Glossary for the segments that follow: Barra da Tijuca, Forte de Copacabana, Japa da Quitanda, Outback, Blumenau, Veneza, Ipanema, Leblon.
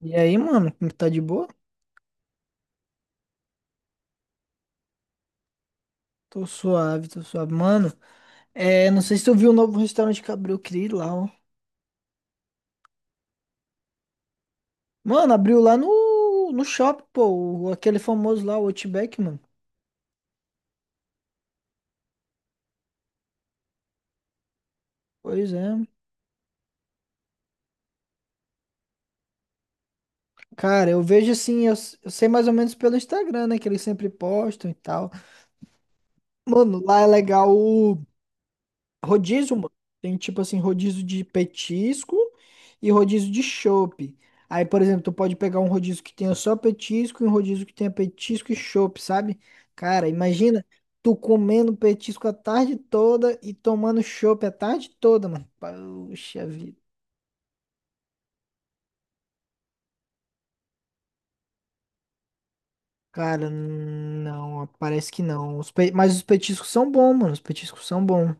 E aí, mano, como tá de boa? Tô suave, tô suave. Mano, é, não sei se tu viu o novo restaurante que abriu, eu queria ir lá, ó. Mano, abriu lá no shopping, pô, aquele famoso lá, o Outback, mano. Pois é. Cara, eu vejo assim, eu sei mais ou menos pelo Instagram, né, que eles sempre postam e tal. Mano, lá é legal. Rodízio, mano. Tem tipo assim, rodízio de petisco e rodízio de chopp. Aí, por exemplo, tu pode pegar um rodízio que tenha só petisco e um rodízio que tenha petisco e chopp, sabe? Cara, imagina tu comendo petisco a tarde toda e tomando chopp a tarde toda, mano. Puxa vida. Cara, não, parece que não. Mas os petiscos são bons, mano. Os petiscos são bons.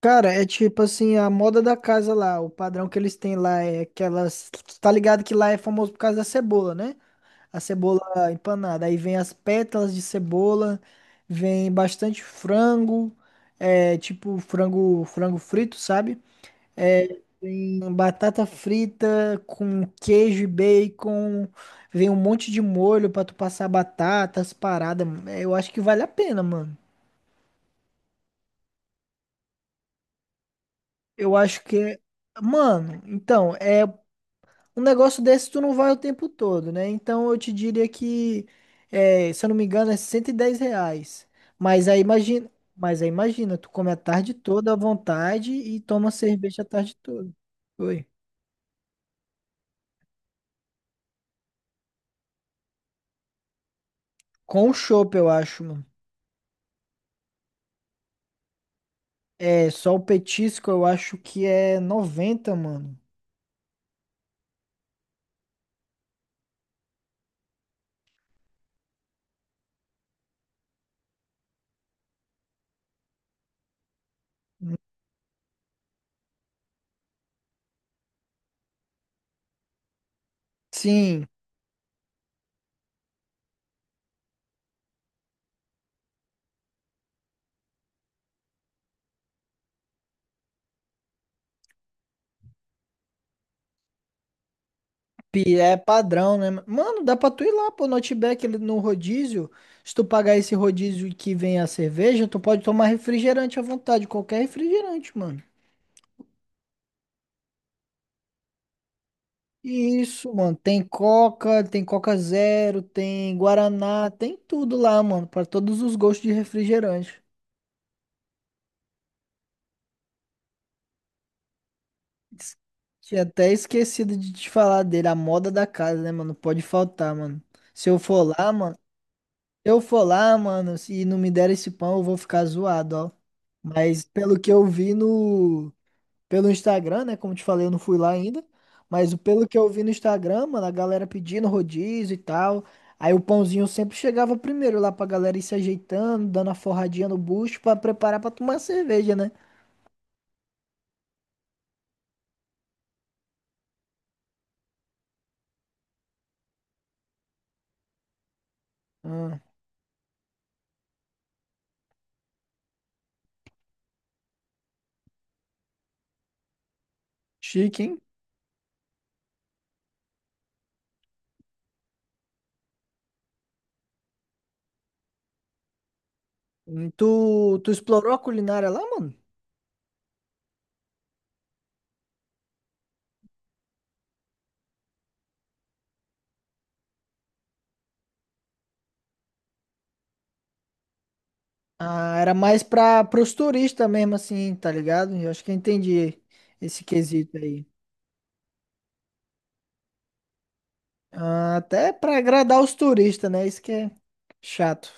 Cara, é tipo assim, a moda da casa lá, o padrão que eles têm lá é aquelas. Tu tá ligado que lá é famoso por causa da cebola, né? A cebola empanada. Aí vem as pétalas de cebola, vem bastante frango, é tipo frango, frango frito, sabe? É, vem batata frita com queijo e bacon, vem um monte de molho pra tu passar batatas, paradas. Eu acho que vale a pena, mano. Eu acho que é. Mano, então, é um negócio desse tu não vai o tempo todo, né? Então eu te diria que, é, se eu não me engano, é R$ 110. Mas aí imagina, tu come a tarde toda à vontade e toma cerveja a tarde toda. Oi. Com o chopp, eu acho, mano. É, só o petisco eu acho que é 90 mano. Sim. É padrão, né? Mano, dá pra tu ir lá, pô, no Outback, no rodízio. Se tu pagar esse rodízio que vem a cerveja, tu pode tomar refrigerante à vontade, qualquer refrigerante, mano. Isso, mano. Tem Coca Zero, tem Guaraná, tem tudo lá, mano, pra todos os gostos de refrigerante. Es- Tinha até esquecido de te falar dele, a moda da casa, né, mano? Pode faltar, mano. Se eu for lá, mano. Eu for lá, mano. Se não me der esse pão, eu vou ficar zoado, ó. Mas pelo que eu vi no... Pelo Instagram, né? Como te falei, eu não fui lá ainda. Mas pelo que eu vi no Instagram, mano, a galera pedindo rodízio e tal. Aí o pãozinho sempre chegava primeiro lá pra galera ir se ajeitando, dando a forradinha no bucho pra preparar pra tomar cerveja, né? Ah, chique, hein? Tu explorou a culinária lá, mano? Ah, era mais pra, pros turistas mesmo, assim, tá ligado? Eu acho que eu entendi esse quesito aí. Ah, até pra agradar os turistas, né? Isso que é chato.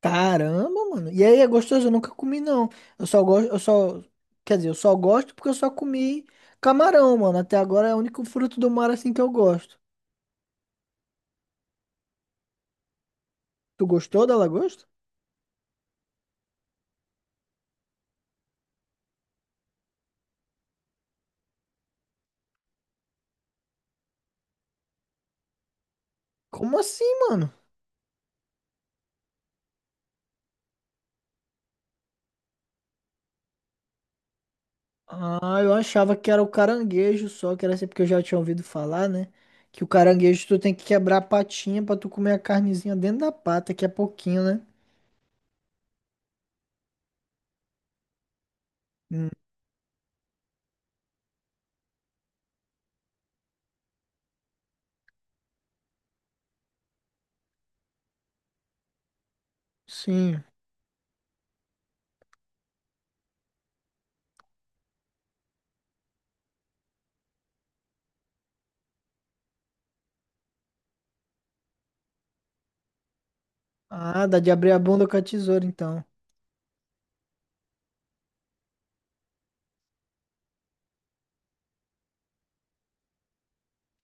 Caramba, mano. E aí é gostoso, eu nunca comi não. Eu só gosto, eu só, quer dizer, eu só gosto porque eu só comi camarão, mano. Até agora é o único fruto do mar assim que eu gosto. Tu gostou da lagosta? Como assim, mano? Ah, eu achava que era o caranguejo só, que era assim porque eu já tinha ouvido falar, né? Que o caranguejo tu tem que quebrar a patinha pra tu comer a carnezinha dentro da pata, que é pouquinho, né? Sim. Ah, dá de abrir a bunda com a tesoura, então.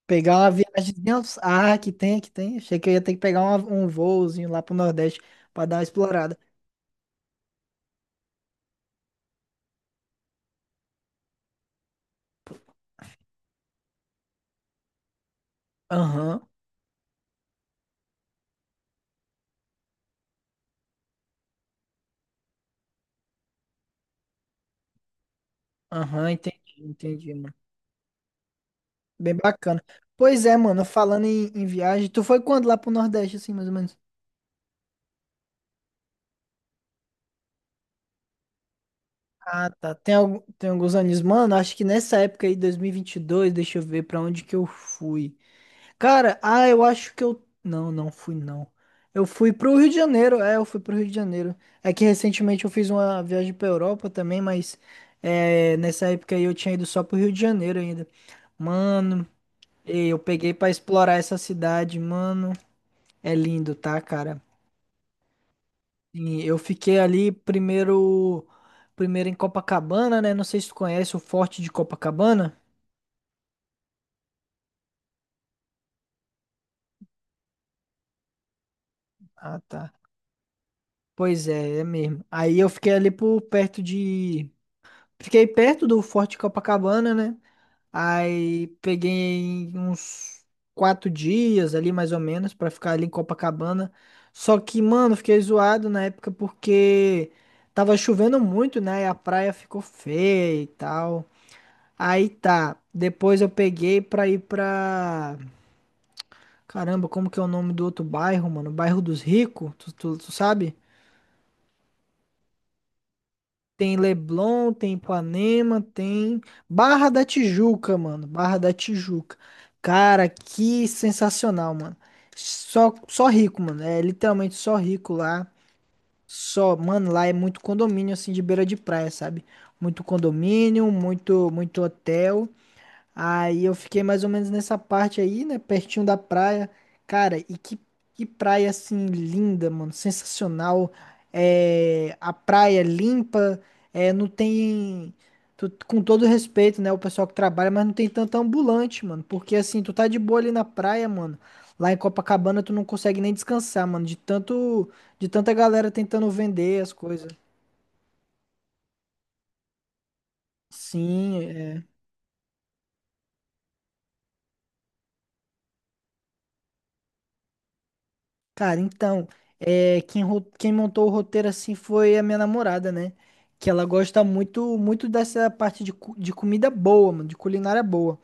Pegar uma viagemzinha. Ah, que tem, que tem. Achei que eu ia ter que pegar um voozinho lá pro Nordeste pra dar uma explorada. Aham, aham, entendi, entendi, mano. Bem bacana. Pois é, mano, falando em viagem, tu foi quando lá pro Nordeste, assim, mais ou menos? Ah, tá. Tem alguns anos. Mano, acho que nessa época aí, dois mil e vinte e dois, deixa eu ver pra onde que eu fui. Cara, ah, eu acho que eu. Não, não fui, não. Eu fui pro Rio de Janeiro, é, eu fui pro Rio de Janeiro. É que recentemente eu fiz uma viagem pra Europa também, mas é, nessa época aí eu tinha ido só pro Rio de Janeiro ainda. Mano, e eu peguei pra explorar essa cidade, mano. É lindo, tá, cara? E eu fiquei ali primeiro, primeiro em Copacabana, né? Não sei se tu conhece o Forte de Copacabana. Ah, tá. Pois é, é mesmo. Aí eu fiquei ali por perto de Fiquei perto do Forte Copacabana, né? Aí peguei uns 4 dias ali, mais ou menos, pra ficar ali em Copacabana. Só que, mano, fiquei zoado na época porque tava chovendo muito, né? E a praia ficou feia e tal. Aí tá. Depois eu peguei pra ir pra. Caramba, como que é o nome do outro bairro, mano? Bairro dos Ricos, tu sabe? Tem Leblon, tem Ipanema, tem Barra da Tijuca, mano. Barra da Tijuca. Cara, que sensacional, mano. Só rico, mano. É literalmente só rico lá. Só, mano, lá é muito condomínio assim de beira de praia, sabe? Muito condomínio, muito, muito hotel. Aí eu fiquei mais ou menos nessa parte aí, né? Pertinho da praia. Cara, e que, praia assim linda, mano. Sensacional. É, a praia é limpa. É, não tem. Com todo respeito, né? O pessoal que trabalha, mas não tem tanto ambulante, mano. Porque assim, tu tá de boa ali na praia, mano. Lá em Copacabana tu não consegue nem descansar, mano. De tanta galera tentando vender as coisas. Sim, é. Cara, então, é, quem montou o roteiro assim foi a minha namorada, né? Que ela gosta muito muito dessa parte de comida boa, mano, de culinária boa.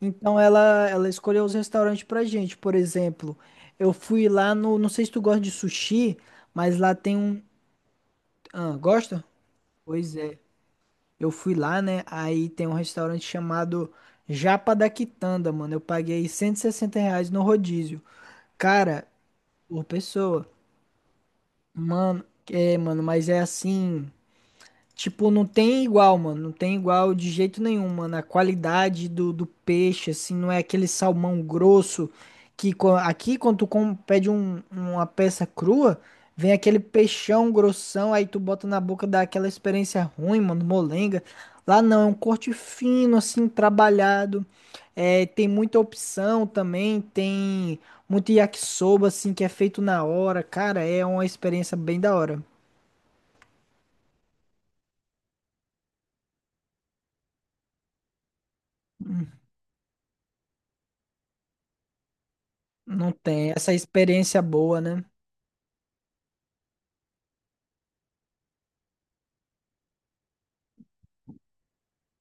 Então ela escolheu os restaurantes pra gente. Por exemplo, eu fui lá no. Não sei se tu gosta de sushi, mas lá tem um. Ah, gosta? Pois é. Eu fui lá, né? Aí tem um restaurante chamado Japa da Quitanda, mano. Eu paguei R$ 160 no rodízio. Cara, por pessoa. Mano, é, mano, mas é assim. Tipo, não tem igual, mano. Não tem igual de jeito nenhum, mano. A qualidade do peixe, assim, não é aquele salmão grosso aqui, quando tu pede uma peça crua, vem aquele peixão grossão, aí tu bota na boca, dá aquela experiência ruim, mano, molenga. Lá não, é um corte fino, assim, trabalhado. É, tem muita opção também, tem muito yakisoba, assim, que é feito na hora. Cara, é uma experiência bem da hora. Não tem essa experiência boa, né?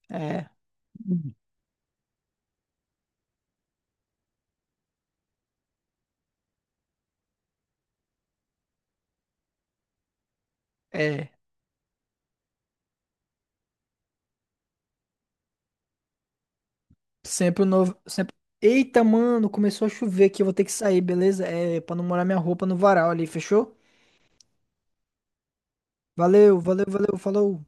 É, é. Sempre o novo. Sempre. Eita, mano, começou a chover aqui. Eu vou ter que sair, beleza? É, pra não molhar minha roupa no varal ali, fechou? Valeu, valeu, valeu, falou.